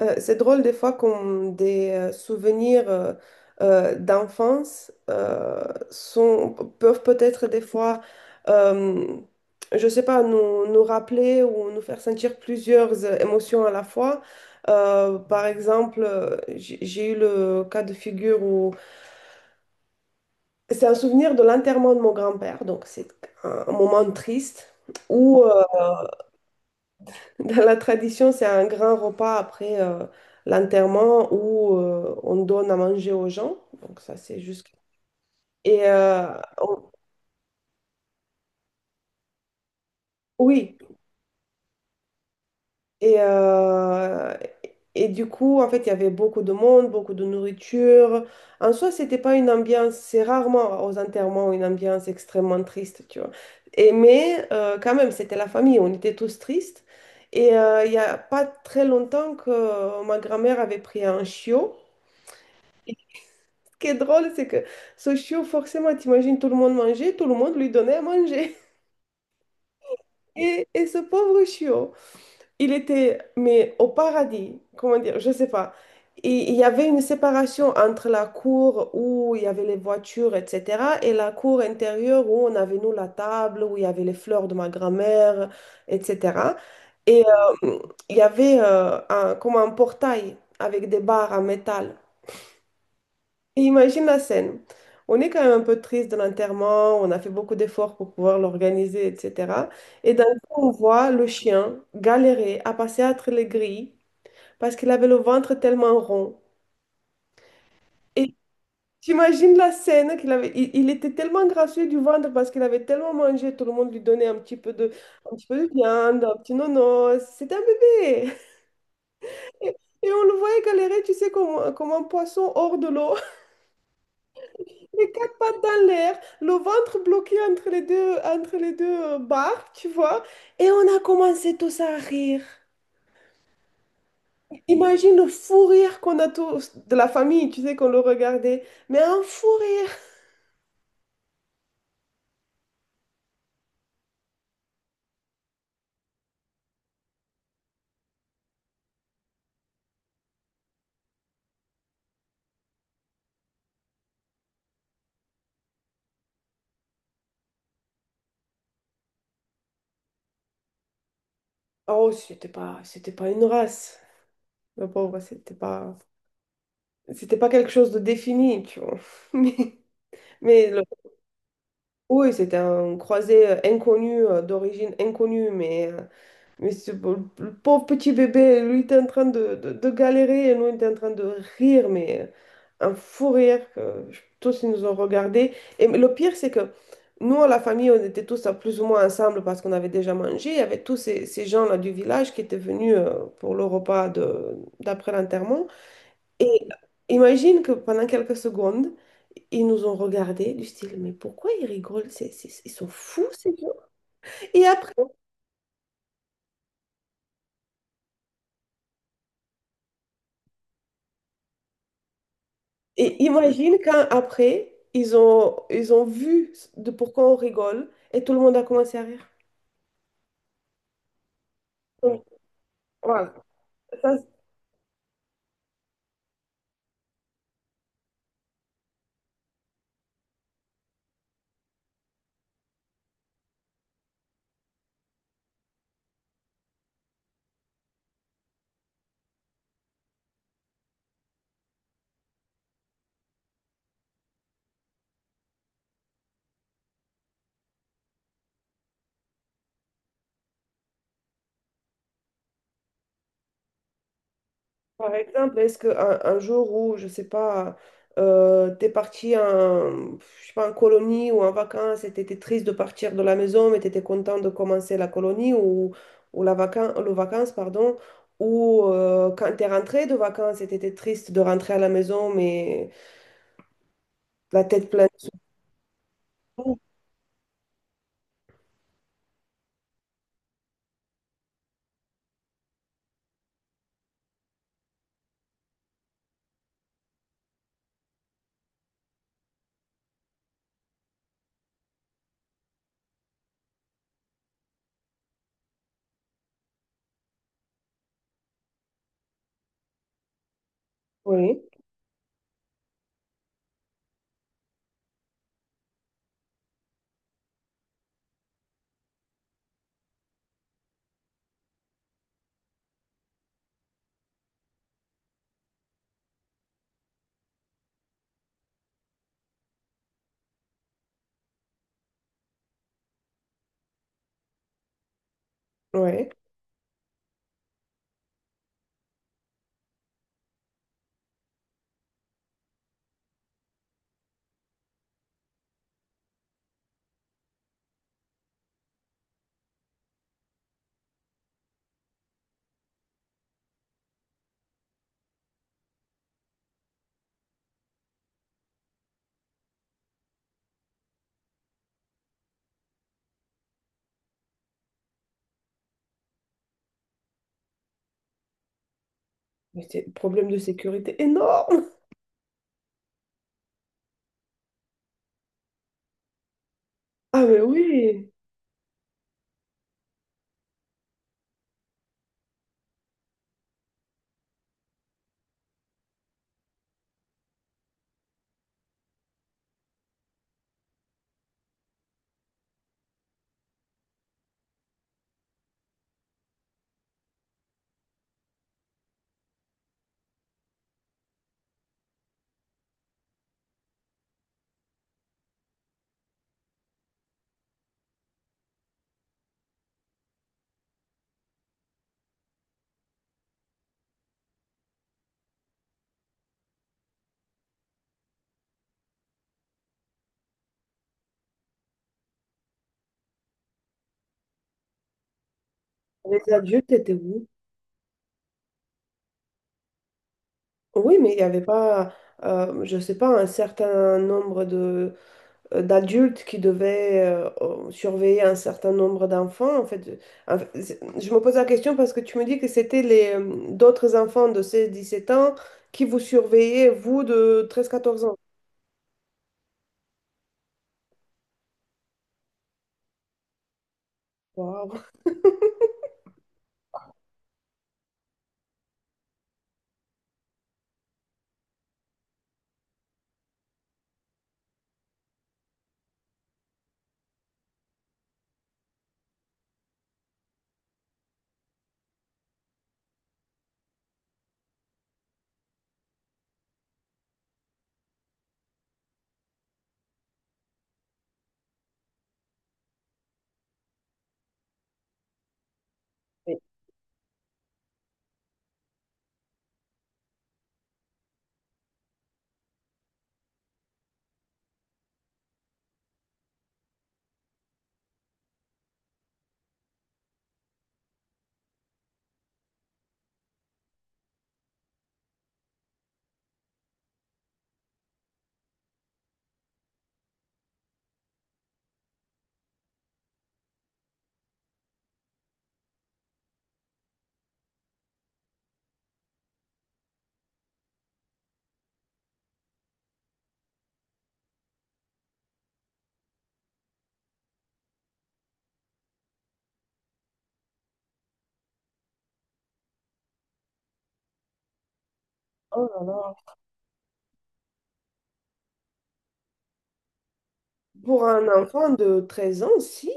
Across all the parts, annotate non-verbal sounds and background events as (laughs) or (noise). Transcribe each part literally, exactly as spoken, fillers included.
Euh, c'est drôle des fois quand des euh, souvenirs euh, euh, d'enfance euh, sont, peuvent peut-être des fois, euh, je sais pas, nous nous rappeler ou nous faire sentir plusieurs euh, émotions à la fois. Euh, par exemple, euh, j'ai j'ai eu le cas de figure où c'est un souvenir de l'enterrement de mon grand-père, donc c'est un un moment triste où euh, Dans la tradition, c'est un grand repas après euh, l'enterrement où euh, on donne à manger aux gens. Donc ça, c'est juste. Et euh, on- oui. Et, euh, et du coup, en fait, il y avait beaucoup de monde, beaucoup de nourriture. En soi, c'était pas une ambiance. C'est rarement aux enterrements une ambiance extrêmement triste, tu vois. Et mais euh, quand même, c'était la famille. On était tous tristes. Et euh, il y a pas très longtemps que euh, ma grand-mère avait pris un chiot. Qui est drôle, c'est que ce chiot, forcément, t'imagines tout le monde manger, tout le monde lui donnait à manger. (laughs) Et, et ce pauvre chiot, il était, mais au paradis, comment dire, je sais pas. Et il y avait une séparation entre la cour où il y avait les voitures, et cetera, et la cour intérieure où on avait, nous, la table, où il y avait les fleurs de ma grand-mère, et cetera. Et euh, il y avait euh, un, comme un portail avec des barres en métal. Et imagine la scène. On est quand même un peu triste de l'enterrement, on a fait beaucoup d'efforts pour pouvoir l'organiser, et cetera. Et d'un coup, on voit le chien galérer à passer entre les grilles parce qu'il avait le ventre tellement rond. Et t'imagines la scène qu'il avait, il, il était tellement gracieux du ventre parce qu'il avait tellement mangé, tout le monde lui donnait un petit peu de, un petit peu de viande, un petit nono. C'était un bébé. (laughs) Et, et on le voyait galérer, tu sais, comme, comme un poisson hors de l'eau. Les quatre pattes dans l'air, le ventre bloqué entre les deux, entre les deux euh, barres, tu vois. Et on a commencé tous à rire. Imagine le fou rire qu'on a tous, de la famille, tu sais, qu'on le regardait. Mais un fou rire. Oh, c'était pas, c'était pas une race. Le pauvre, c'était pas, c'était pas quelque chose de défini, tu vois. (laughs) Mais, mais le- oui, c'était un croisé euh, inconnu, euh, d'origine inconnue, mais euh, Mais ce, pau- le pauvre petit bébé, lui, il était en train de, de, de galérer et nous, on était en train de rire, mais euh, un fou rire que je- tous, ils nous ont regardé. Et le pire, c'est que nous, à la famille, on était tous euh, plus ou moins ensemble parce qu'on avait déjà mangé. Il y avait tous ces, ces gens-là du village qui étaient venus euh, pour le repas de, d'après l'enterrement. Et imagine que pendant quelques secondes, ils nous ont regardés du style, mais pourquoi ils rigolent? C'est- c'est- ils sont fous, ces gens. Et après, Et imagine quand après, ils ont, ils ont vu de pourquoi on rigole et tout le monde a commencé à rire. Donc, voilà. Ça, c'est- par exemple, est-ce qu'un un un jour où, je sais pas, euh, t'es parti en, je sais pas, en colonie ou en vacances et t'étais triste de partir de la maison, mais t'étais content de commencer la colonie ou, ou la vacan le vacances, pardon, ou euh, quand t'es rentré de vacances et t'étais triste de rentrer à la maison, mais la tête pleine de soucis. Oui, oui. Mais c'est un problème de sécurité énorme. Ah, mais oui, les adultes étaient où? Oui, mais il n'y avait pas, euh, je ne sais pas, un certain nombre de, euh, d'adultes qui devaient euh, euh, surveiller un certain nombre d'enfants. En fait, En fait, c'est- je me pose la question parce que tu me dis que c'était les euh, d'autres enfants de dix-sept ans qui vous surveillaient, vous, de treize quatorze ans. Waouh. Oh là là. Pour un enfant de treize ans, si.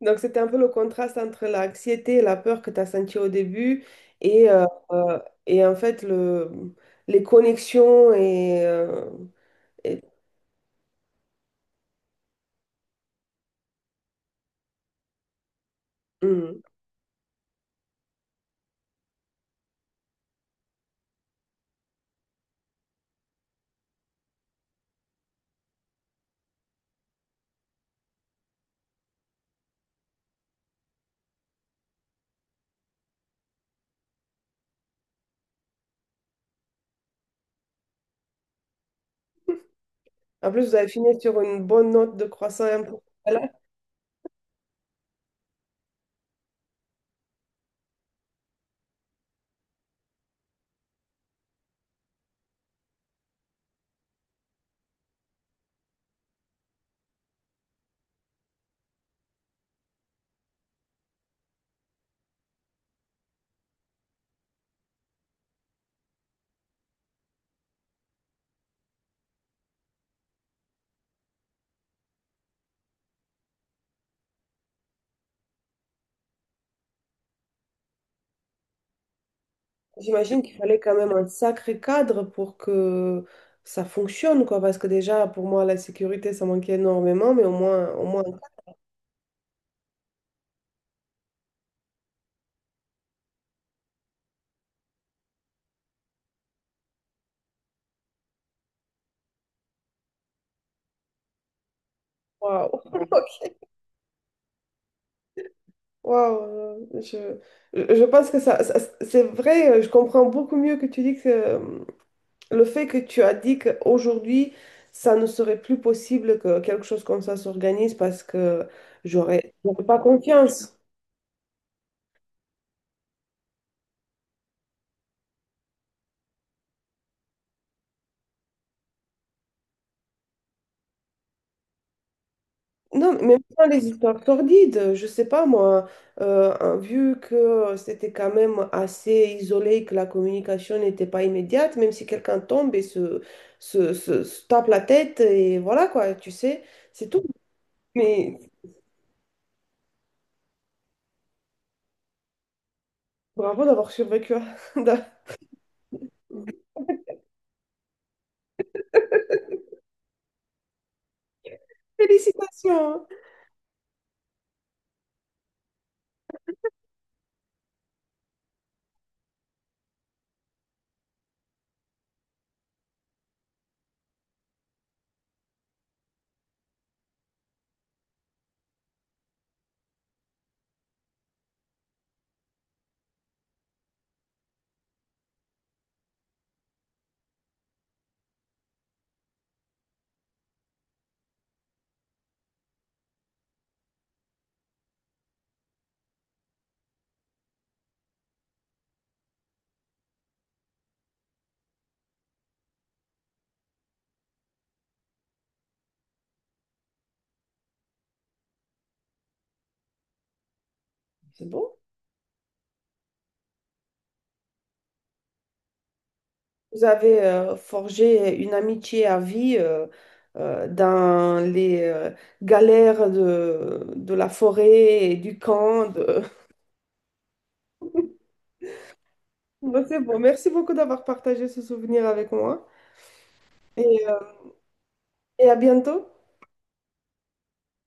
Donc, c'était un peu le contraste entre l'anxiété et la peur que tu as senti au début et, euh, euh, et en fait le, les connexions et, euh, et- hum. En plus, vous avez fini sur une bonne note de croissant. un peu- (laughs) Voilà. J'imagine qu'il fallait quand même un sacré cadre pour que ça fonctionne, quoi, parce que déjà, pour moi, la sécurité, ça manquait énormément, mais au moins, au moins, waouh. Wow, (laughs) je, je pense que ça, ça- c'est vrai, je comprends beaucoup mieux que tu dis que, Le fait que tu as dit qu'aujourd'hui, ça ne serait plus possible que quelque chose comme ça s'organise parce que j'aurais j'aurais pas confiance. Non, mais même pas les histoires sordides, je sais pas moi, euh, hein, vu que c'était quand même assez isolé, et que la communication n'était pas immédiate, même si quelqu'un tombe et se, se, se- se tape la tête, et voilà quoi, tu sais, c'est tout. Mais bravo d'avoir survécu. (laughs) Félicitations! C'est bon. Vous avez euh, forgé une amitié à vie euh, euh, dans les euh, galères de, de la forêt et du camp. de- (laughs) Bon, c'est bon. Merci beaucoup d'avoir partagé ce souvenir avec moi et, euh, et à bientôt.